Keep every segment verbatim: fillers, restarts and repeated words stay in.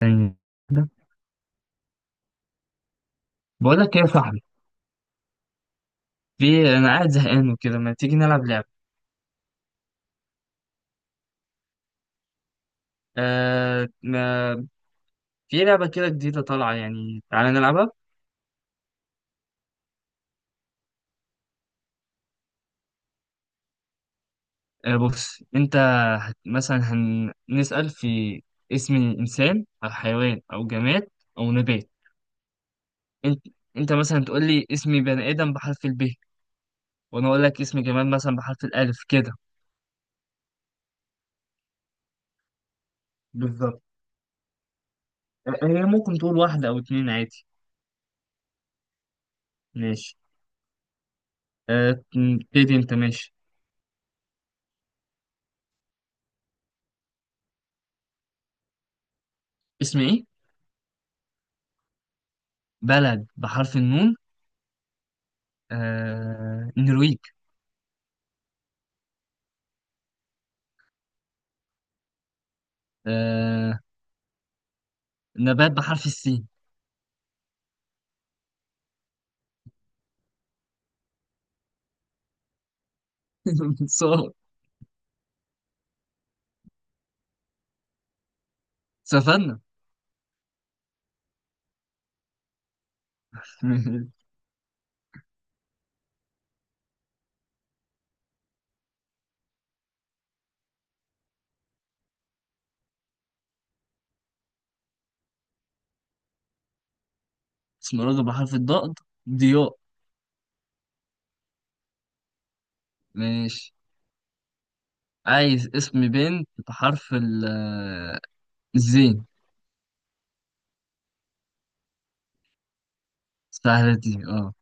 ثانية واحدة. بقول لك ايه يا صاحبي، في انا قاعد زهقان وكده، ما تيجي نلعب لعبة؟ آه ما في لعبة كده جديدة طالعة يعني، تعالى نلعبها. آه بص انت هت- مثلا هنسأل في اسم انسان او حيوان او جماد او نبات. انت انت مثلا تقول لي اسمي بني ادم بحرف الب، وانا اقول لك اسم جماد مثلا بحرف الالف كده. بالظبط. آه، هي ممكن تقول واحدة او اتنين عادي. ماشي. آه، ابتدي انت، ماشي. اسم ايه؟ بلد بحرف النون؟ آه... النرويج. آه... نبات بحرف السين. صار. سفنة. اسمرالد بحرف الضاد. ضياء. ماشي، عايز اسم بنت بحرف ال- آه، الزين. سهلة دي اه.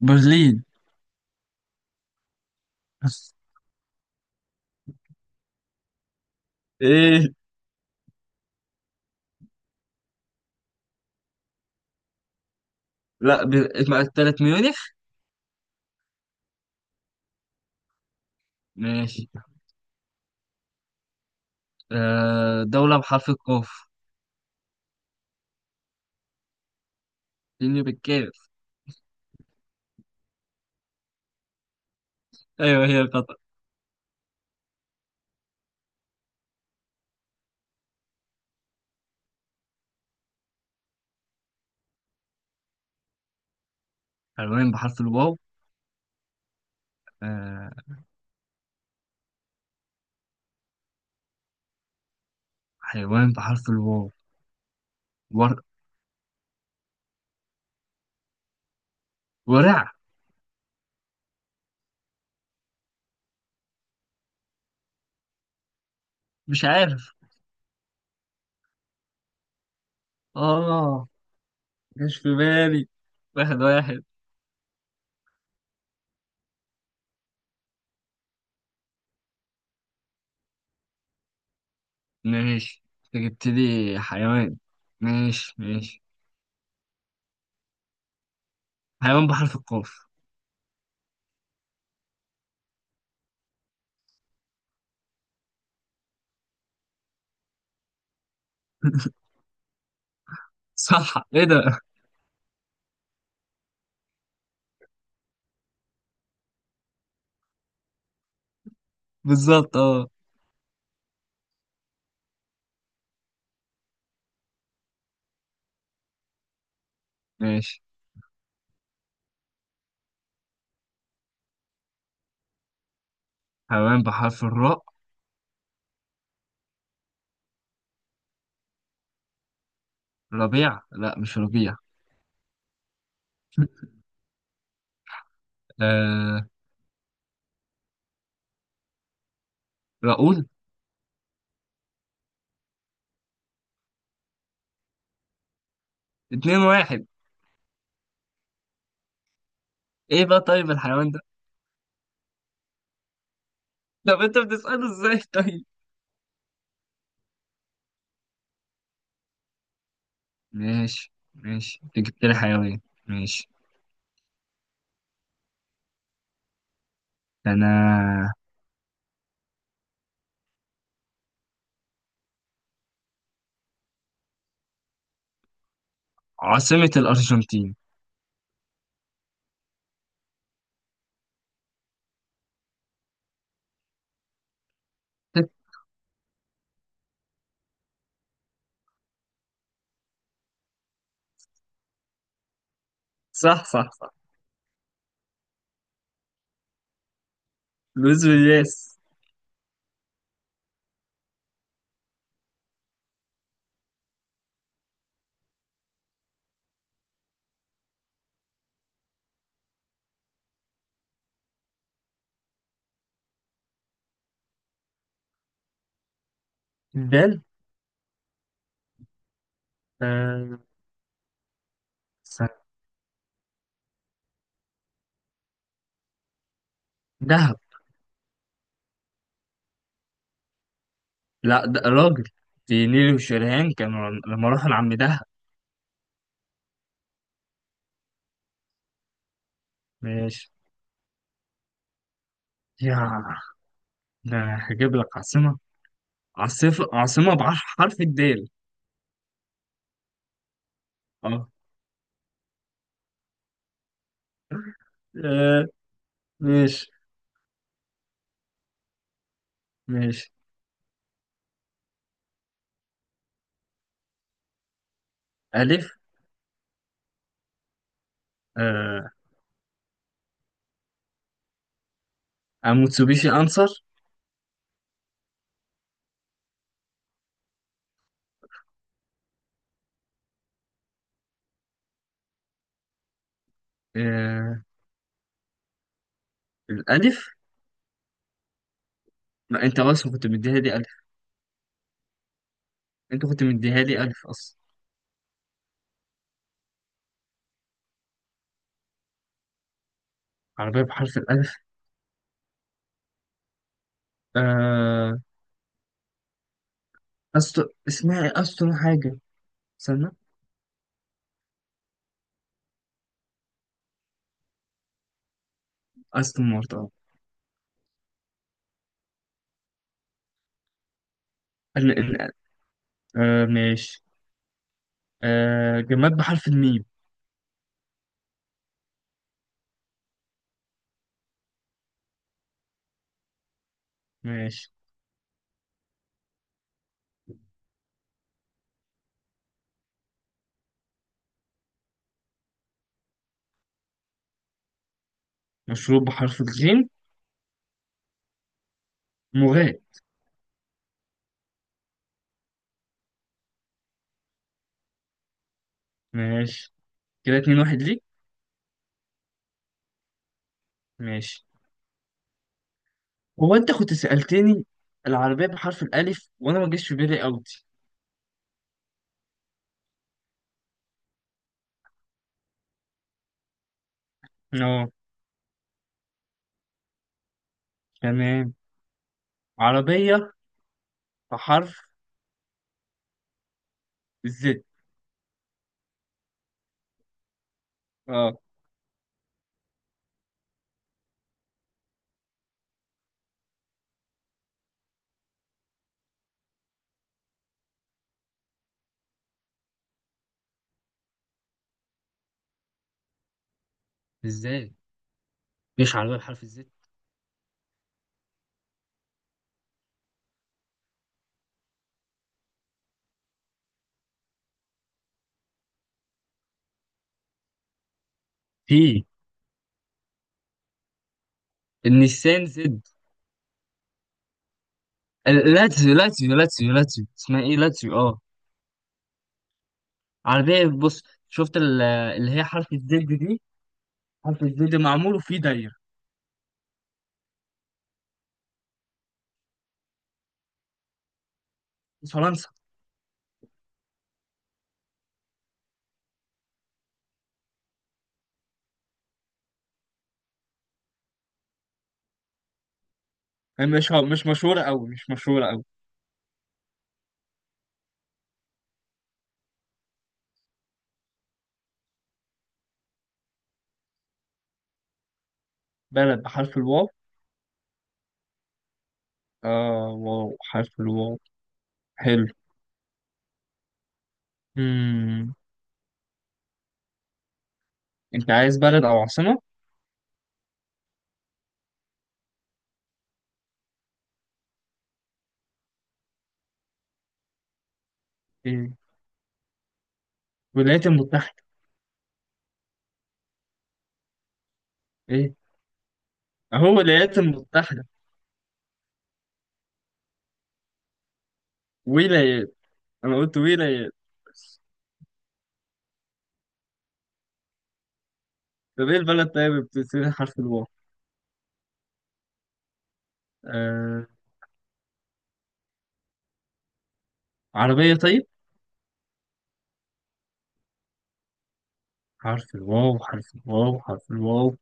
برلين. ايه؟ لا، ب... اسمها التالت ميونخ. ماشي. آه، دولة بحرف القاف. فيني بالكاف. ايوه هي قطر. حيوان بحرف الواو. آه، حيوان بحرف الواو. ور... ورع. مش عارف. آه، مش في بالي. واحد واحد. ماشي، أنت جبت لي حيوان. ماشي ماشي. حيوان بحرف القاف. صح، إيه ده؟ بالظبط، آه. ماشي. حيوان بحرف الراء. ربيع، لا مش ربيع. آه، راؤول. اتنين واحد. إيه بقى طيب الحيوان ده؟ طب أنت بتسأله إزاي طيب؟ ماشي ماشي، أنت جبت لي حيوان. ماشي. أنا. عاصمة الأرجنتين. صح صح صح. لويس فياس. آه، استنى. دهب. لا ده راجل، دي نيلي وشريهان كانوا لما راحوا لعم دهب. ماشي يا، ده هجيب لك عاصمة. عاصفة عاصمة بحرف الدال. اه. آه، ماشي. ماشي، ألف. آه. أموتسوبيشي أنصر. آه، الألف. ما أنت أصلا كنت مديها لي ألف، أنت كنت مديها لي ألف أصلا. عربية بحرف الألف. آه، أستو اسمها إيه؟ أستون حاجة. استنى. أستون مارتن، اه. ال- ال- آه، ماشي. آه، جماد بحرف الميم. ماشي. مشروب بحرف الغين. مغال. ماشي، كده اتنين واحد ليك. ماشي. هو انت كنت سألتني العربية بحرف الألف وأنا ما جاش في بالي أوتي. اه، تمام. عربية بحرف الزد. اه. ازاي؟ مش عربية بحرف الزد؟ في النيسان زد. ال- لاتزيو لاتزيو لاتزيو لاتزيو اسمها ايه، لاتزيو، اه. عربية، بص، شفت ال- اللي هي حرف الزد دي؟ حرف الزد معمول وفيه دايرة. فرنسا. هي مش مش مشهورة أوي، مش مشهورة أوي. بلد بحرف الواو. آه، واو، حرف الواو. حلو. مم. أنت عايز بلد أو عاصمة؟ إيه، الولايات المتحدة. إيه، أهو الولايات المتحدة. ولايات، أنا قلت ولايات. طب إيه البلد طيب اللي بتبتدي حرف الواو؟ آه. عربية طيب؟ حرف الواو، حرف الواو، حرف الواو.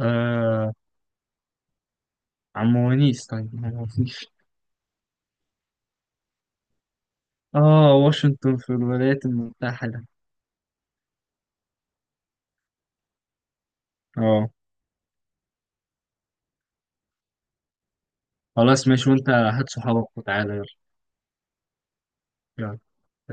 آه، عم ونيس طيب، ما هو فيش. آه، واشنطن في الولايات المتحدة. آه. خلاص ماشي، وأنت هات صحابك وتعالى. نعم.